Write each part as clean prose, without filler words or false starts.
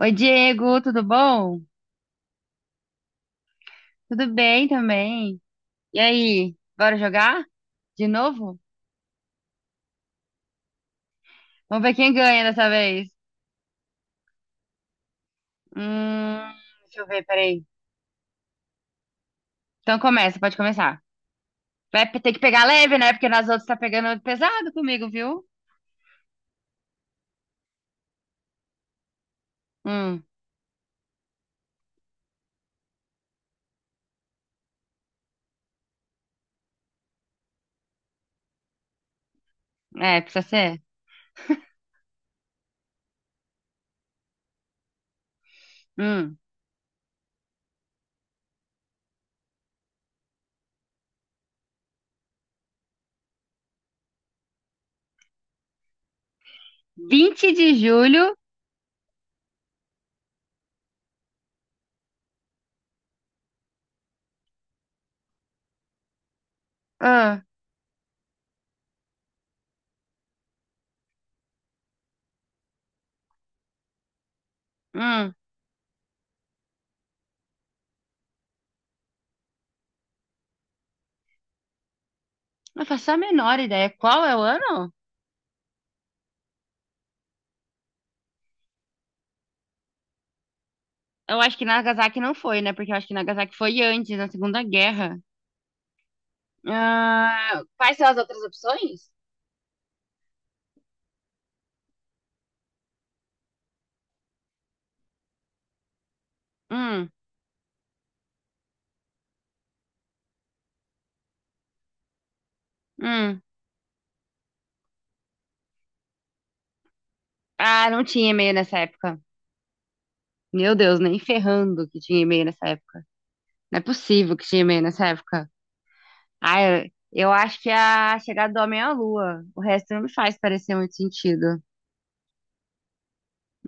Oi, Diego, tudo bom? Tudo bem também. E aí, bora jogar? De novo? Vamos ver quem ganha dessa vez. Hum, Deixa eu ver, peraí. Então começa, pode começar. Vai ter que pegar leve, né? Porque nas outras tá pegando pesado comigo, viu? Hum, É, precisa ser. Hum, Vinte de julho. Ah, hum, não faço a menor ideia. Qual é o ano? Eu acho que Nagasaki não foi, né? Porque eu acho que Nagasaki foi antes, na Segunda Guerra. Ah, quais são as outras opções? Hum, hum. Ah, não tinha e-mail nessa época. Meu Deus, nem ferrando que tinha e-mail nessa época. Não é possível que tinha e-mail nessa época. Ah, eu acho que é a chegada do homem à lua. O resto não me faz parecer muito sentido.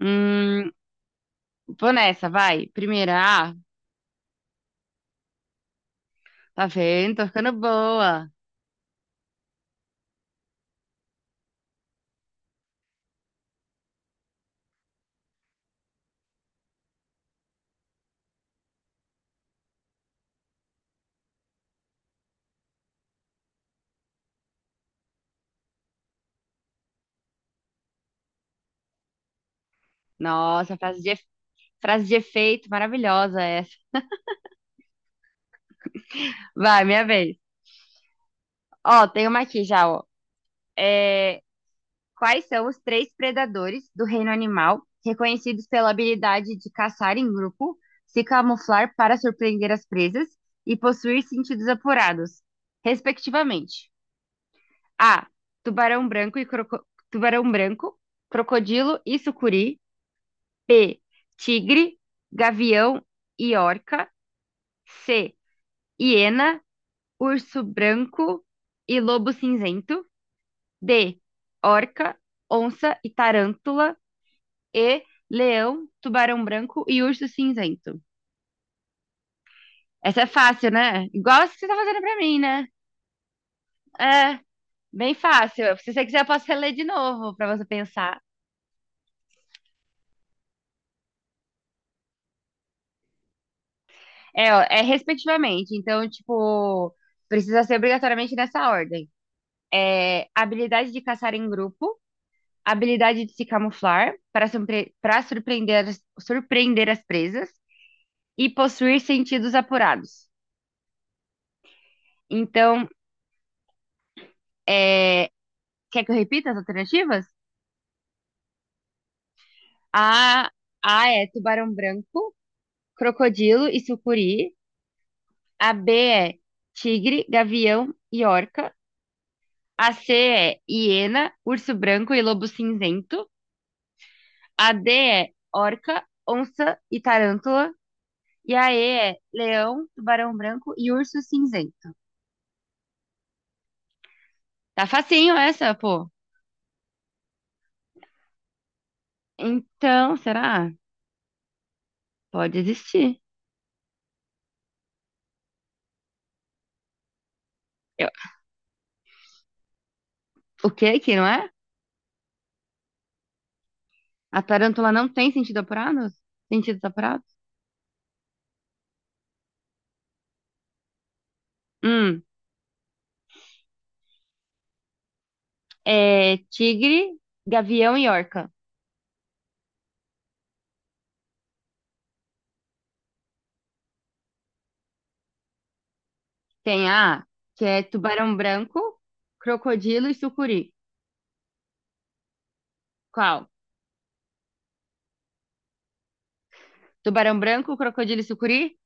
Hum, Vou nessa, vai. Primeira, ah, tá vendo? Tô ficando boa. Nossa, frase de efeito maravilhosa essa. Vai, minha vez. Ó, tem uma aqui já, ó. É, quais são os três predadores do reino animal reconhecidos pela habilidade de caçar em grupo, se camuflar para surpreender as presas e possuir sentidos apurados, respectivamente? A. Tubarão branco e croco- Tubarão branco, crocodilo e sucuri. B. Tigre, gavião e orca. C. Hiena, urso branco e lobo cinzento. D. Orca, onça e tarântula. E. Leão, tubarão branco e urso cinzento. Essa é fácil, né? Igual essa que você tá fazendo pra mim, né? É, bem fácil. Se você quiser, eu posso reler de novo pra você pensar. É, ó, é respectivamente. Então, tipo, precisa ser obrigatoriamente nessa ordem. É habilidade de caçar em grupo, habilidade de se camuflar para surpreender as presas e possuir sentidos apurados. Então, é, quer que eu repita as alternativas? A, A é tubarão branco, crocodilo e sucuri. A B é tigre, gavião e orca. A C é hiena, urso branco e lobo cinzento. A D é orca, onça e tarântula. E a E é leão, tubarão branco e urso cinzento. Tá facinho essa, pô. Então, será? Pode existir. Eu- O que que não é? A tarântula não tem sentido apurado? Sentido apurado? Hum. É tigre, gavião e orca. Tem A, que é tubarão branco, crocodilo e sucuri. Qual? Tubarão branco, crocodilo e sucuri?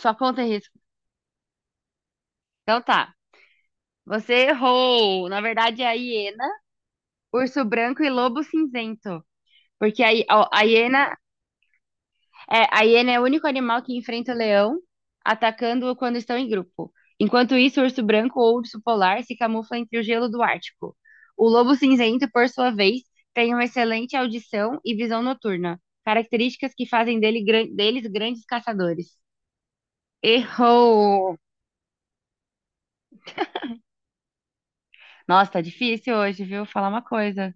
Só conta em risco. Então tá. Você errou. Na verdade é a hiena, urso branco e lobo cinzento. Porque a hiena é o único animal que enfrenta o leão, atacando-o quando estão em grupo. Enquanto isso, o urso branco ou urso polar se camufla entre o gelo do Ártico. O lobo cinzento, por sua vez, tem uma excelente audição e visão noturna, características que fazem dele deles grandes caçadores. Errou! Nossa, tá difícil hoje, viu? Falar uma coisa.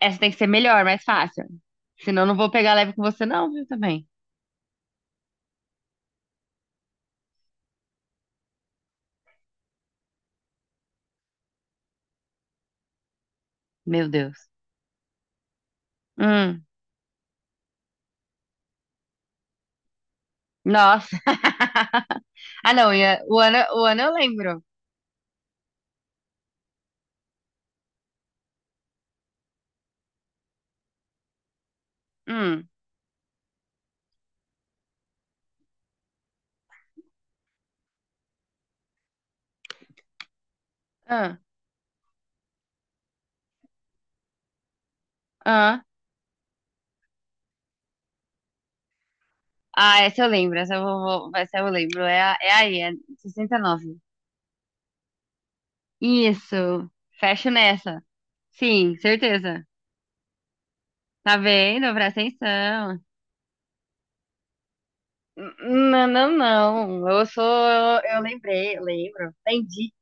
Essa tem que ser melhor, mais fácil. Senão eu não vou pegar leve com você, não, viu, também. Meu Deus. Hum, Nossa. Ah, não, o ano eu lembro. Hum. Ah, ah. Ah, essa eu lembro. Essa eu lembro. É, é aí, é 69. Isso. Fecho nessa. Sim, certeza. Tá vendo? Presta atenção. Não, não, não. Eu sou. Eu lembrei, eu lembro. Entendi.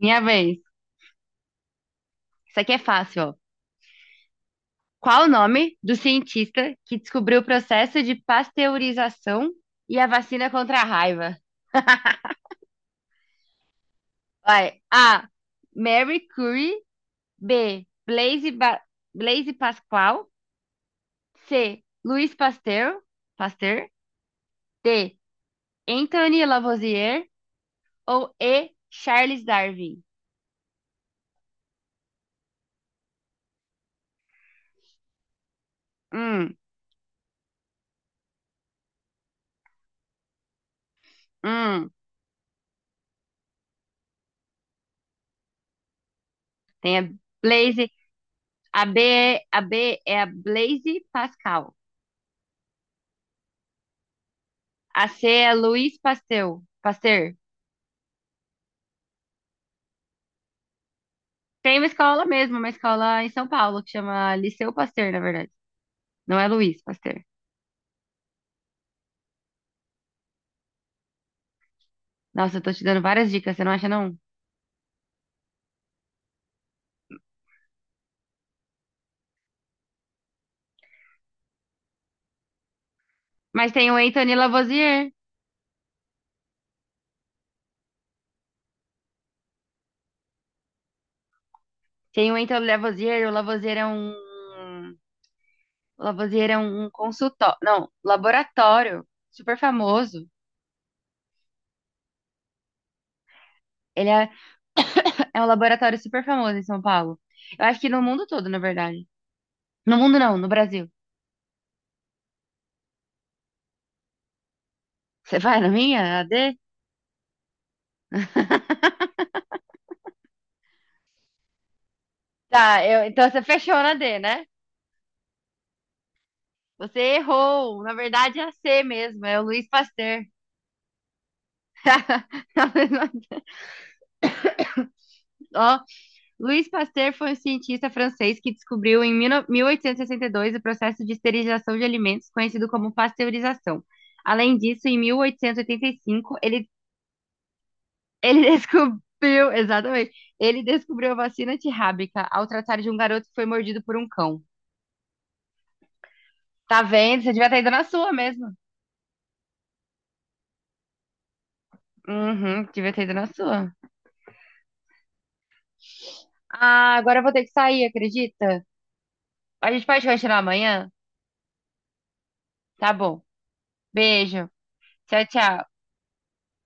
Minha vez. Isso aqui é fácil, ó. Qual o nome do cientista que descobriu o processo de pasteurização e a vacina contra a raiva? Vai. A. Mary Curie. B. Blaise Pascal. C. Louis Pasteur. Pasteur. D. Anthony Lavoisier. Ou E. Charles Darwin. Hum, hum. Tem a Blaise. A B é a Blaise Pascal. A C é Louis Pasteur. Pasteur. Tem uma escola mesmo, uma escola em São Paulo que chama Liceu Pasteur, na verdade. Não é Luiz Pasteur. Nossa, eu tô te dando várias dicas, você não acha não? Mas tem o Anthony Lavoisier. Tem o Entre o Lavoisier, é um. O Lavoisier é um consultório. Não, laboratório super famoso. Ele é, é um laboratório super famoso em São Paulo. Eu acho que no mundo todo, na verdade. No mundo não, no Brasil. Você vai na minha, A D. Tá, então você fechou na D, né? Você errou. Na verdade é a C mesmo, é o Luiz Pasteur. Ó, Louis Pasteur foi um cientista francês que descobriu em 1862 o processo de esterilização de alimentos, conhecido como pasteurização. Além disso, em 1885, ele descobriu, exatamente, ele descobriu a vacina antirrábica ao tratar de um garoto que foi mordido por um cão. Tá vendo? Você devia ter ido na sua mesmo. Uhum, devia ter ido na sua. Ah, agora eu vou ter que sair, acredita? A gente pode continuar amanhã? Tá bom. Beijo. Tchau, tchau.